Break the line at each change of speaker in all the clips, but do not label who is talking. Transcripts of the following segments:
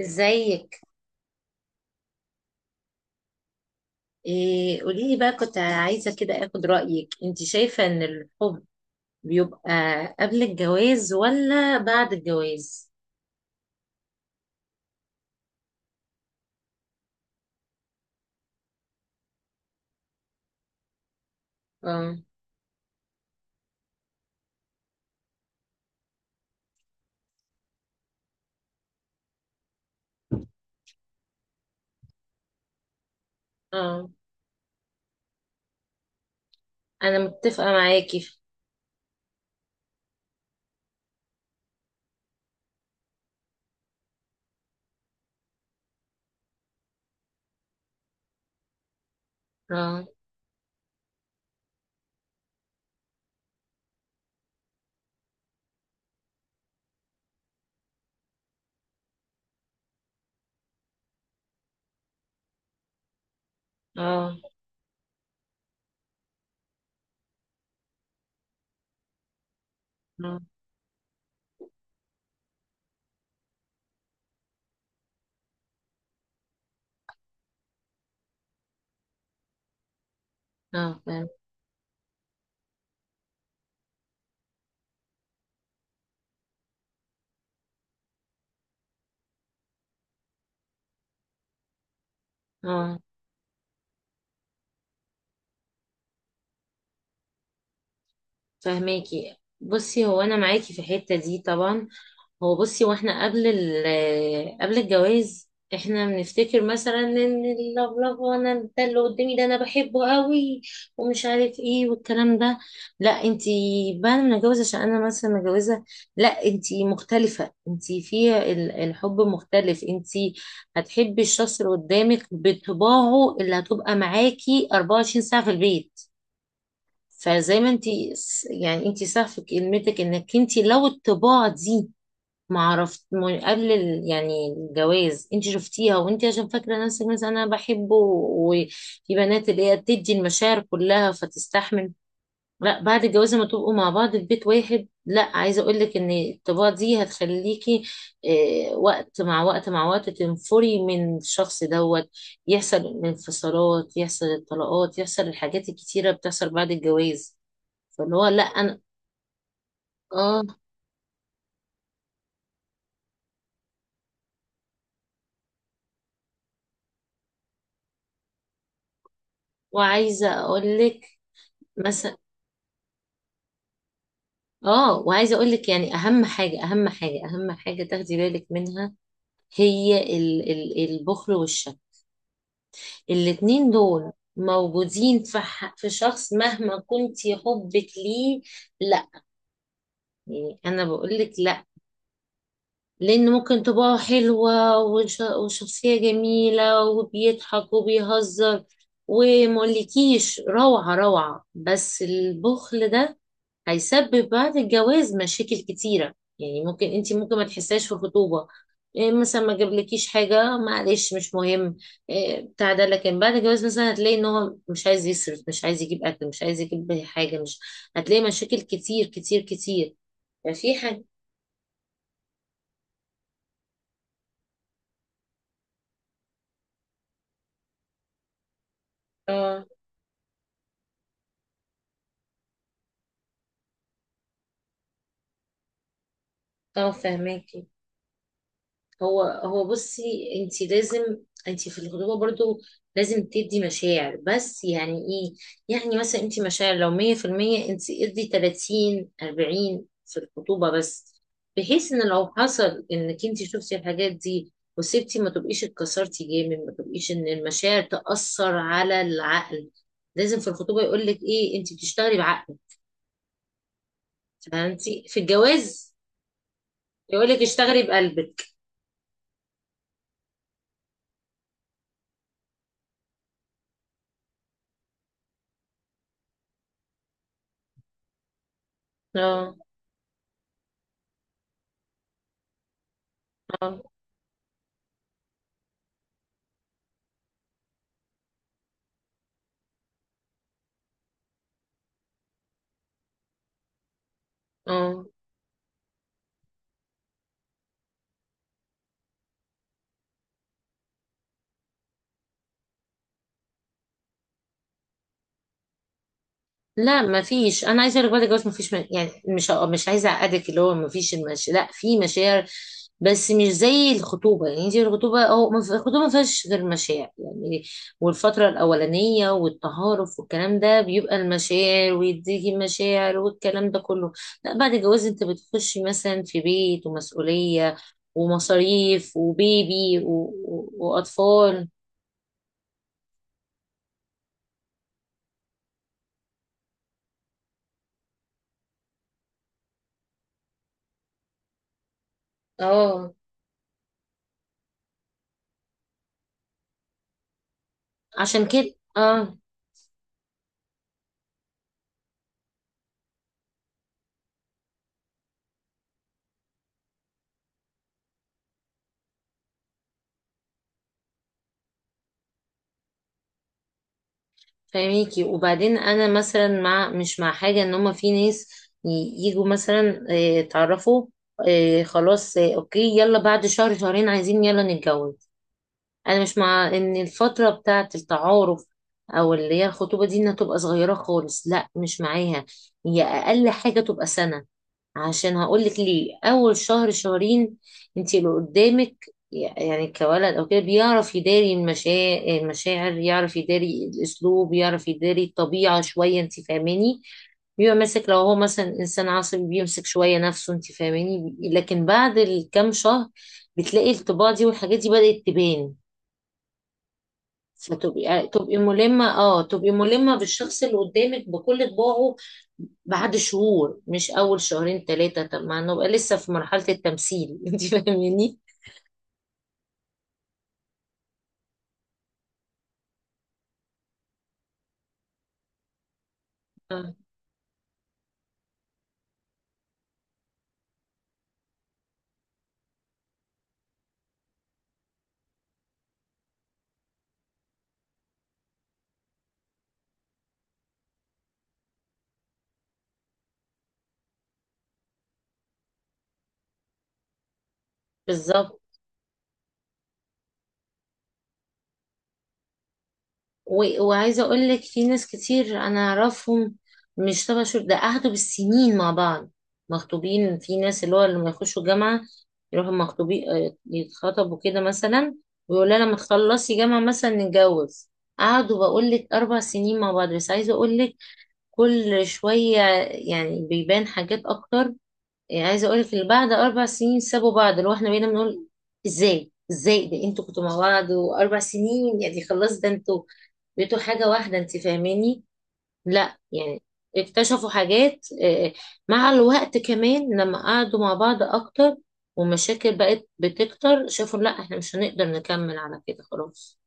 ازيك؟ إيه، قولي لي بقى، كنت عايزة كده اخد رأيك. انت شايفة ان الحب بيبقى قبل الجواز ولا بعد الجواز؟ اه. اه، انا متفقة معاكي اه. اه. اه. اه فاهم. اه فاهماكي. بصي هو انا معاكي في الحتة دي طبعا. هو بصي، واحنا قبل الجواز احنا بنفتكر مثلا ان اللفلفه انا، ده اللي قدامي ده انا بحبه قوي ومش عارف ايه والكلام ده. لا انتي، بعد ما نتجوز، عشان انا مثلا متجوزه، لا انتي مختلفه، انتي الحب مختلف، انتي هتحبي الشخص اللي قدامك بطباعه اللي هتبقى معاكي 24 ساعه في البيت. فزي ما انتي يعني، انتي صح في كلمتك، انك انتي لو الطباع دي ما عرفت ما- يعني الجواز انت شفتيها، وانت عشان فاكره نفسك مثلا انا بحبه، وفي بنات اللي هي بتدي المشاعر كلها فتستحمل. لا بعد الجواز لما تبقوا مع بعض في بيت واحد، لا، عايزه اقول لك ان الطباع دي هتخليكي، اه، وقت مع وقت مع وقت، تنفري من الشخص دوت. يحصل انفصالات، يحصل الطلاقات، يحصل الحاجات الكتيره بتحصل بعد الجواز، فاللي هو لا انا. اه وعايزه اقول لك. مثلا اه، وعايزه اقول لك يعني، اهم حاجه اهم حاجه اهم حاجه تاخدي بالك منها، هي ال ال البخل والشك. الاتنين دول موجودين في شخص مهما كنتي حبك ليه. لا، يعني انا بقول لك لا، لأن ممكن طباعه حلوة وشخصية جميلة وبيضحك وبيهزر ومقولكيش روعة روعة، بس البخل ده هيسبب بعد الجواز مشاكل كتيرة. يعني ممكن انت ممكن ما تحسهاش في الخطوبة. إيه مثلا، ما جابلكيش حاجة، معلش مش مهم، إيه بتاع ده، لكن بعد الجواز مثلا هتلاقي ان هو مش عايز يصرف، مش عايز يجيب أكل، مش عايز يجيب حاجة، مش هتلاقي مشاكل كتير كتير كتير. ففي حاجة. اه طبعا فهماكي. هو هو بصي، انت لازم انت في الخطوبه برضو لازم تدي مشاعر، بس يعني ايه، يعني مثلا انت مشاعر لو 100%، انت ادي 30 40 في الخطوبه بس، بحيث ان لو حصل انك انت شفتي الحاجات دي وسبتي، ما تبقيش اتكسرتي جامد، ما تبقيش ان المشاعر تأثر على العقل. لازم في الخطوبه يقول لك ايه، انت بتشتغلي بعقلك، فهمتي، في الجواز يقول لك اشتغلي بقلبك. اه. اه. اه. لا ما فيش، انا عايزه اقول لك بعد الجواز ما فيش، يعني مش عايزه اعقدك اللي هو ما فيش، لا، في مشاعر، بس مش زي الخطوبه يعني، دي الخطوبه، او ما في- الخطوبه ما فيهاش غير مشاعر يعني، والفتره الاولانيه والتهارف والكلام ده، بيبقى المشاعر ويديكي مشاعر والكلام ده كله. لا بعد الجواز انت بتخشي مثلا في بيت ومسؤوليه ومصاريف وبيبي واطفال. اه عشان كده اه فاهميكي. وبعدين انا مثلا مع، مش مع حاجه ان هما، في ناس يجوا مثلا، اتعرفوا، خلاص، اوكي، يلا بعد شهر شهرين عايزين يلا نتجوز. انا مش مع ان الفتره بتاعه التعارف او اللي هي الخطوبه دي انها تبقى صغيره خالص، لا مش معاها، هي اقل حاجه تبقى سنه. عشان هقولك ليه، اول شهر شهرين انت اللي قدامك يعني كولد او كده بيعرف يداري المشاعر، يعرف يداري الاسلوب، يعرف يداري الطبيعه شويه، انت فاهماني، بيبقى ماسك، لو هو مثلا انسان عصبي بيمسك شويه نفسه، انت فاهماني، لكن بعد الكام شهر بتلاقي الطباع دي والحاجات دي بدأت تبان. فتبقي يعني تبقي ملمة، اه تبقي ملمة بالشخص اللي قدامك بكل طباعه بعد شهور، مش أول شهرين ثلاثة. طب ما نبقى لسه في مرحلة التمثيل انت فاهماني؟ آه، بالظبط. وعايزة أقول لك في ناس كتير أنا أعرفهم، مش تبع شهور ده، قعدوا بالسنين مع بعض مخطوبين. في ناس اللي هو لما يخشوا جامعة يروحوا مخطوبين، يتخطبوا كده مثلا، ويقول لها لما تخلصي جامعة مثلا نتجوز. قعدوا بقول لك أربع سنين مع بعض، بس عايزة أقول لك كل شوية يعني بيبان حاجات أكتر. يعني عايزة أقولك اللي بعد أربع سنين سابوا بعض، اللي هو إحنا بقينا بنقول إزاي إزاي ده، أنتوا كنتوا مع بعض وأربع سنين، يعني خلاص ده أنتوا بقيتوا حاجة واحدة، أنت فاهماني. لا يعني اكتشفوا حاجات، مع الوقت كمان لما قعدوا مع بعض أكتر ومشاكل بقت بتكتر، شافوا لا إحنا مش هنقدر نكمل على كده، خلاص.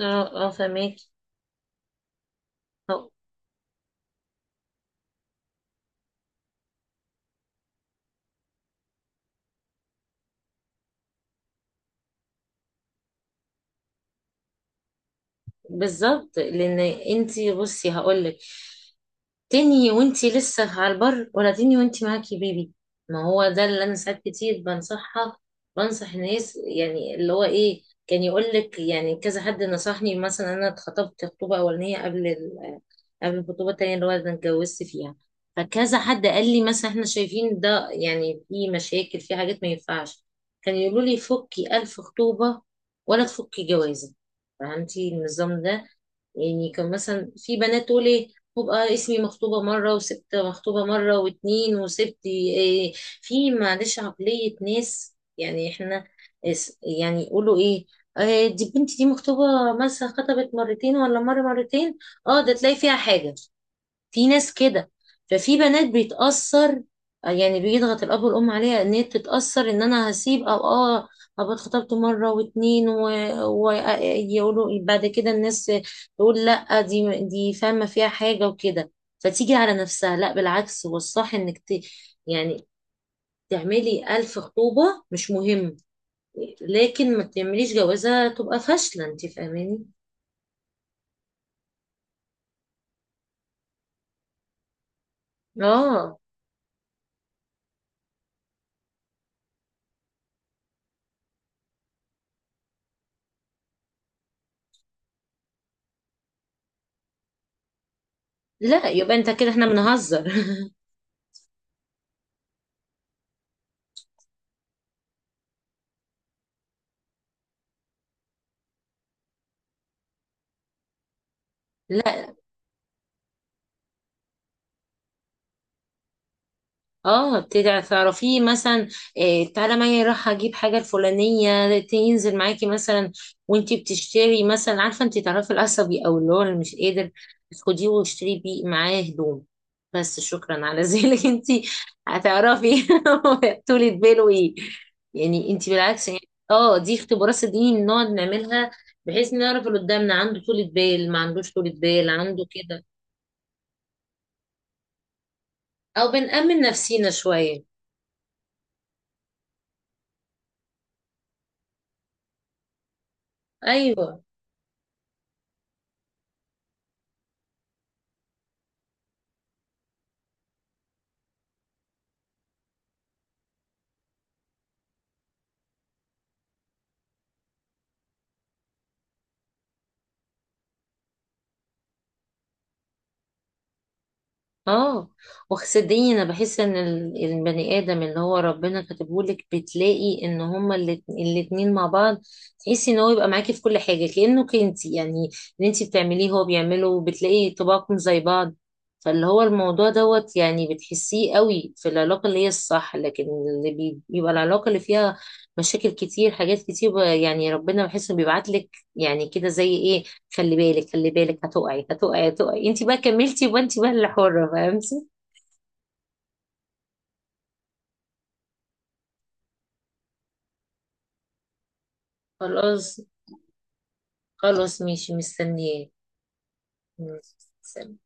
اه. اه فهماكي. بالظبط لان، انتي بصي هقولك، تنهي وانتي لسه على البر، ولا تنهي وانتي معاكي بيبي؟ ما هو ده اللي انا ساعات كتير بنصحها، بنصح الناس، يعني اللي هو ايه، كان يقول لك يعني، كذا حد نصحني مثلا، انا اتخطبت خطوبه اولانيه قبل الخطوبه التانيه اللي هو انا اتجوزت فيها، فكذا حد قال لي مثلا احنا شايفين ده يعني في مشاكل، في حاجات ما ينفعش، كان يقولوا لي فكي ألف خطوبه ولا تفكي جوازه. فهمتي النظام ده؟ يعني كان مثلا في بنات تقول ايه، وبقى اسمي مخطوبة مرة وسبت، مخطوبة مرة واتنين وسبت، إيه. في معلش عقلية ناس، يعني احنا يعني يقولوا ايه، دي بنتي دي مخطوبة مثلا، خطبت مرتين، ولا مرة مرتين، اه ده تلاقي فيها حاجة، في ناس كده. ففي بنات بيتأثر، يعني بيضغط الأب والأم عليها إن هي تتأثر، إن أنا هسيب، أو آه أبقى اتخطبت مرة واتنين ويقولوا بعد كده الناس، تقول لأ دي فاهمة فيها حاجة وكده، فتيجي على نفسها. لأ بالعكس، هو الصح إنك يعني تعملي ألف خطوبة مش مهم، لكن ما تعمليش جوازة تبقى فاشلة. أنت فاهماني؟ آه. لا يبقى أنت كده إحنا بنهزر. اه، بتدعي تعرفيه مثلا، إيه تعالى معايا، راح اجيب حاجه الفلانيه تنزل معاكي مثلا، وانتي بتشتري مثلا، عارفه انتي، تعرفي العصبي او اللي هو اللي مش قادر، خديه واشتري بيه معاه هدوم، بس شكرا على ذلك. انتي هتعرفي. طولة باله ايه، يعني انتي بالعكس يعني، اه دي اختبارات صدقيني بنقعد نعملها، بحيث نعرف اللي قدامنا عنده طولة بال، ما عندوش طولة بال، عنده كده، او بنأمن نفسينا شويه. ايوه. اه وصدقيني انا بحس ان البني ادم اللي هو ربنا كاتبهولك، بتلاقي ان هما الاتنين مع بعض، تحسي ان هو يبقى معاكي في كل حاجه كانك انتي، يعني اللي انتي بتعمليه هو بيعمله، وبتلاقي طباعكم زي بعض. فاللي هو الموضوع دوت، يعني بتحسيه قوي في العلاقه اللي هي الصح، لكن اللي بيبقى العلاقه اللي فيها مشاكل كتير، حاجات كتير، يعني ربنا بحس انه بيبعتلك يعني كده زي ايه، خلي بالك خلي بالك، هتقعي هتقعي هتقعي، انت بقى كملتي يبقى انت بقى اللي حرة، فهمتي. خلاص. خلاص ماشي، مستنياه. ماشي. سلام.